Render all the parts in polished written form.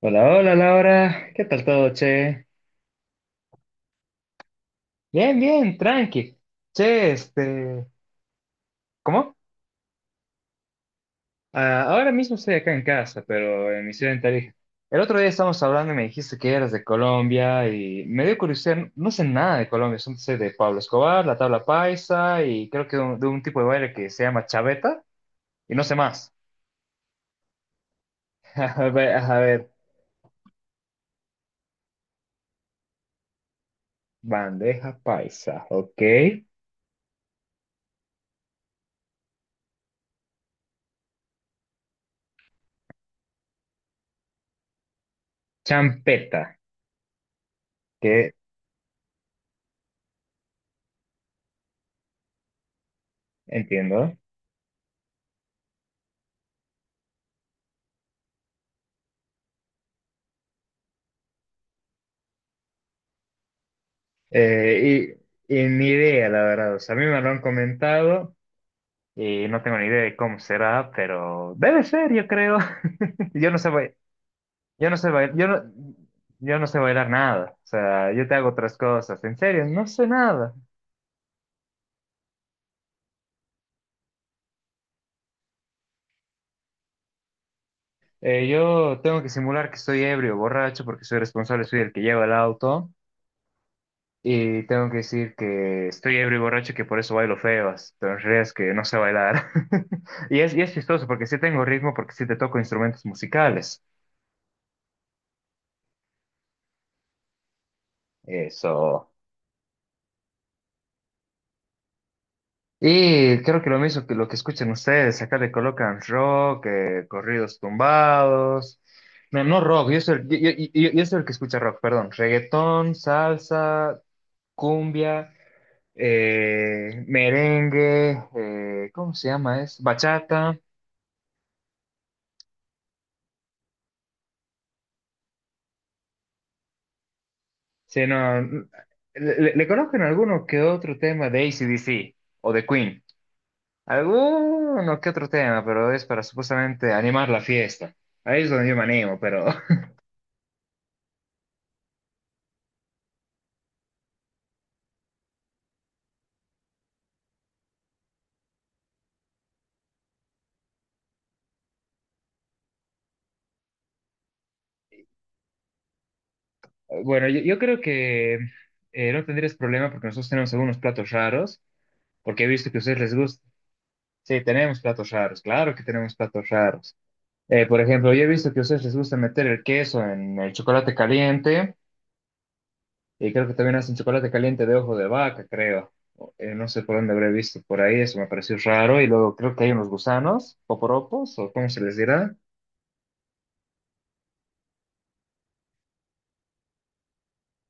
Hola, hola Laura, ¿qué tal todo, che? Bien, bien, tranqui. Che, ¿cómo? Ahora mismo estoy acá en casa, pero en mi ciudad en Tarija. El otro día estábamos hablando y me dijiste que eras de Colombia y me dio curiosidad, no sé nada de Colombia, solo sé de Pablo Escobar, la tabla paisa y creo que de un tipo de baile que se llama chaveta y no sé más. A ver, bandeja paisa, ok. Champeta, que entiendo. Eh, y ni idea, la verdad. O sea, a mí me lo han comentado y no tengo ni idea de cómo será, pero debe ser, yo creo. Yo no sé, yo no sé bailar, yo no, yo no sé bailar nada. O sea, yo te hago otras cosas. En serio, no sé nada. Yo tengo que simular que estoy ebrio, borracho, porque soy responsable, soy el que lleva el auto. Y tengo que decir que estoy ebrio y borracho, y que por eso bailo feas. Pero en realidad es que no sé bailar. Y es chistoso porque sí tengo ritmo, porque sí te toco instrumentos musicales. Eso. Y creo que lo mismo que lo que escuchan ustedes, acá le colocan rock, corridos tumbados. No, no rock, yo soy, yo- yo- yo soy el que escucha rock, perdón. Reggaetón, salsa, cumbia, merengue, ¿cómo se llama? Es bachata. Sí, no, le colocan alguno que otro tema de AC/DC o de Queen. Alguno que otro tema, pero es para supuestamente animar la fiesta. Ahí es donde yo me animo, pero bueno, yo creo que no tendrías problema porque nosotros tenemos algunos platos raros, porque he visto que a ustedes les gusta. Sí, tenemos platos raros, claro que tenemos platos raros. Por ejemplo, yo he visto que a ustedes les gusta meter el queso en el chocolate caliente, y creo que también hacen chocolate caliente de ojo de vaca, creo. No sé por dónde habré visto por ahí, eso me pareció raro. Y luego creo que hay unos gusanos, poporopos, o cómo se les dirá.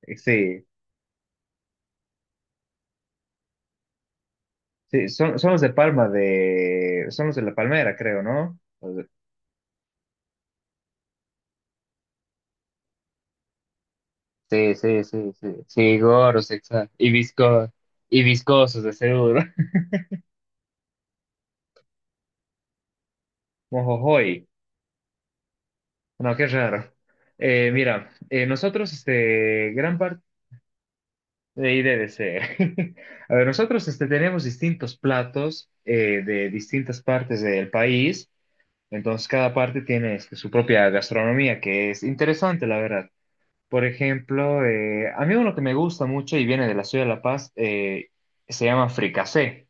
Eh, sí, sí, son los de palma de. Son los de la palmera, creo, ¿no? Sí, sí, sí, sí. Sí, gordos, exacto. Y viscosos, de seguro. Mojojoy. No, qué raro. Nosotros, este, gran parte de IDDC. A ver, nosotros, este, tenemos distintos platos de distintas partes del país. Entonces, cada parte tiene este, su propia gastronomía, que es interesante, la verdad. Por ejemplo, a mí uno que me gusta mucho y viene de la ciudad de La Paz, se llama fricasé.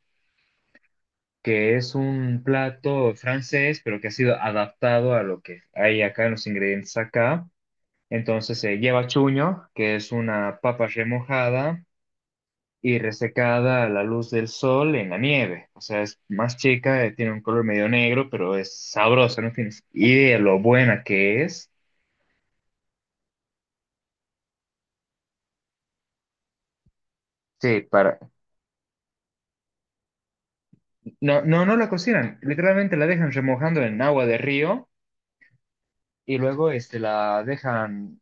Que es un plato francés, pero que ha sido adaptado a lo que hay acá en los ingredientes acá. Entonces lleva chuño, que es una papa remojada y resecada a la luz del sol en la nieve. O sea, es más chica, tiene un color medio negro, pero es sabrosa, no tienes idea lo buena que es. Sí, para... No, no, no la cocinan, literalmente la dejan remojando en agua de río y luego este, la dejan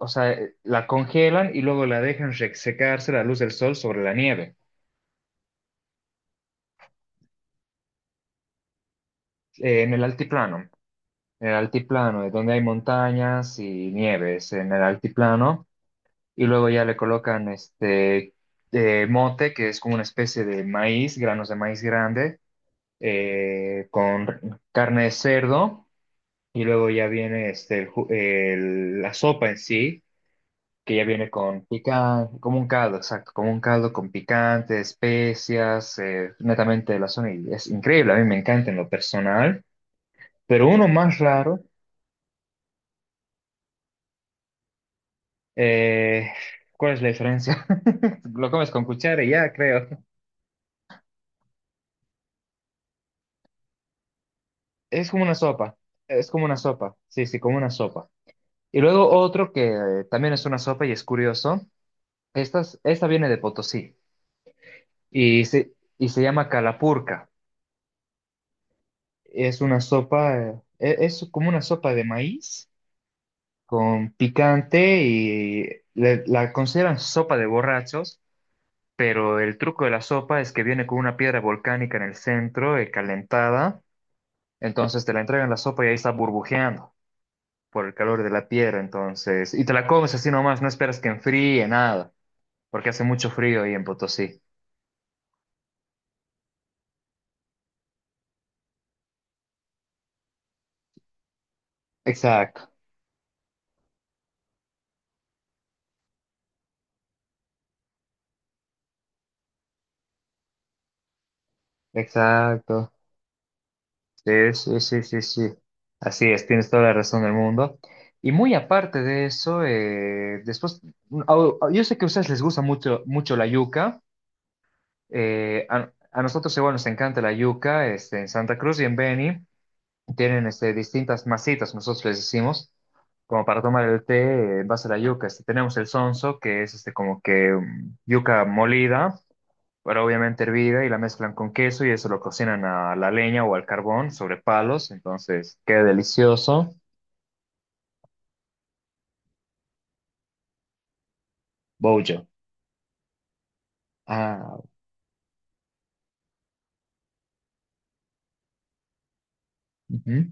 o sea, la congelan y luego la dejan secarse a la luz del sol sobre la nieve, eh, en el altiplano, en el altiplano, es donde hay montañas y nieves, en el altiplano, y luego ya le colocan este mote, que es como una especie de maíz, granos de maíz grande, con carne de cerdo, y luego ya viene este, la sopa en sí que ya viene con picante, como un caldo, exacto, como un caldo con picante, especias, netamente de la zona. Y es increíble, a mí me encanta en lo personal, pero uno más raro, eh, ¿cuál es la diferencia? Lo comes con cuchara y ya, creo. Es como una sopa, es como una sopa, sí, sí, como una sopa. Y luego otro que también es una sopa y es curioso, esta viene de Potosí y se, y se llama calapurca. Es una sopa, es como una sopa de maíz con picante y la consideran sopa de borrachos, pero el truco de la sopa es que viene con una piedra volcánica en el centro, calentada, entonces te la entregan la sopa y ahí está burbujeando por el calor de la piedra, entonces, y te la comes así nomás, no esperas que enfríe nada, porque hace mucho frío ahí en Potosí. Exacto, exacto. Sí, sí, sí, sí, sí. Así es, tienes toda la razón del mundo. Y muy aparte de eso, después, yo sé que a ustedes les gusta mucho, mucho la yuca. A nosotros igual nos encanta la yuca. Este, en Santa Cruz y en Beni tienen este, distintas masitas, nosotros les decimos, como para tomar el té en base a la yuca. Este, tenemos el sonso, que es este, como que yuca molida pero obviamente hervida y la mezclan con queso y eso lo cocinan a la leña o al carbón sobre palos, entonces queda delicioso. Bollo. Ah, ujú.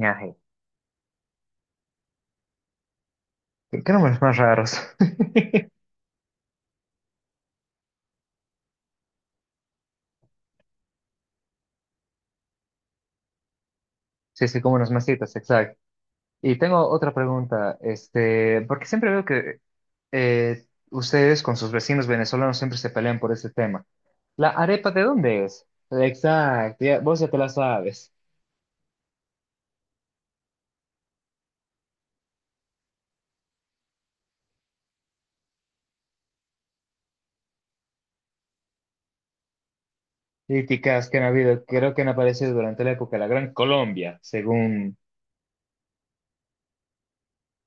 Ñaje. ¿Qué qué nombres más raros? Sí, sí, como unas masitas, exacto. Y tengo otra pregunta, este, porque siempre veo que eh, ustedes con sus vecinos venezolanos siempre se pelean por este tema. ¿La arepa de dónde es? Exacto, ya- vos ya te la sabes. Críticas que han habido, creo que han aparecido durante la época de la Gran Colombia, según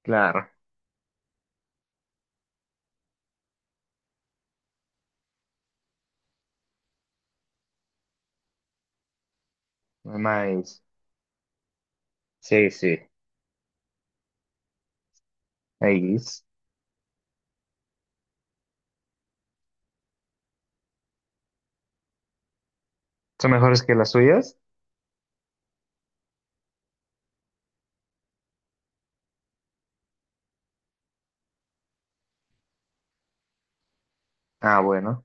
claro, maíz. Sí, sí. Maíz. ¿Son mejores que las suyas? Ah, bueno,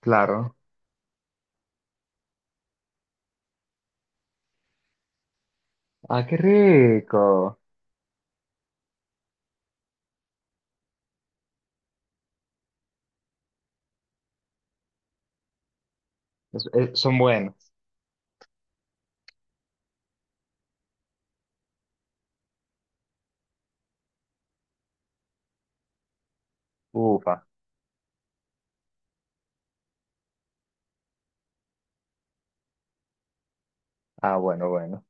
claro. Ah, qué rico. Son buenos. Ufa. Ah, bueno, bueno.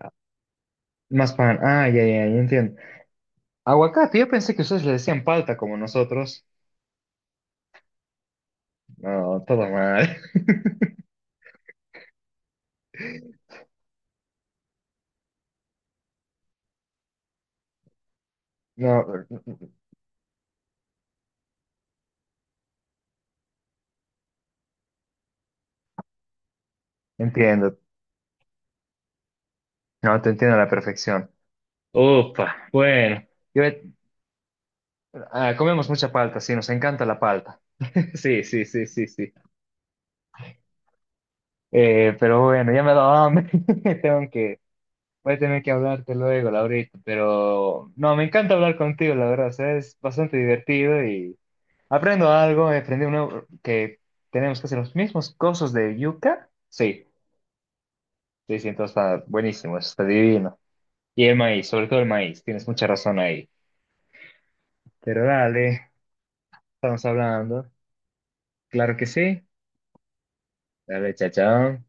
Ah, más pan. Ah, ya, ya, ya entiendo. Aguacate, yo pensé que ustedes le decían palta como nosotros. No, todo mal. No, entiendo. No, te entiendo a la perfección. Ufa, bueno. Yo- comemos mucha palta, sí, nos encanta la palta. Sí, sí, sí, sí, sí. Pero bueno, ya me ha dado hambre. Tengo que, voy a tener que hablarte luego, Laurita. Pero no, me encanta hablar contigo, la verdad. O sea, es bastante divertido y aprendo algo. Aprendí un nuevo- que tenemos que hacer los mismos cosas de yuca. Sí, sí, sí, entonces está buenísimo, está divino. Y el maíz, sobre todo el maíz, tienes mucha razón ahí. Pero dale, estamos hablando. Claro que sí. Dale, chao, chao.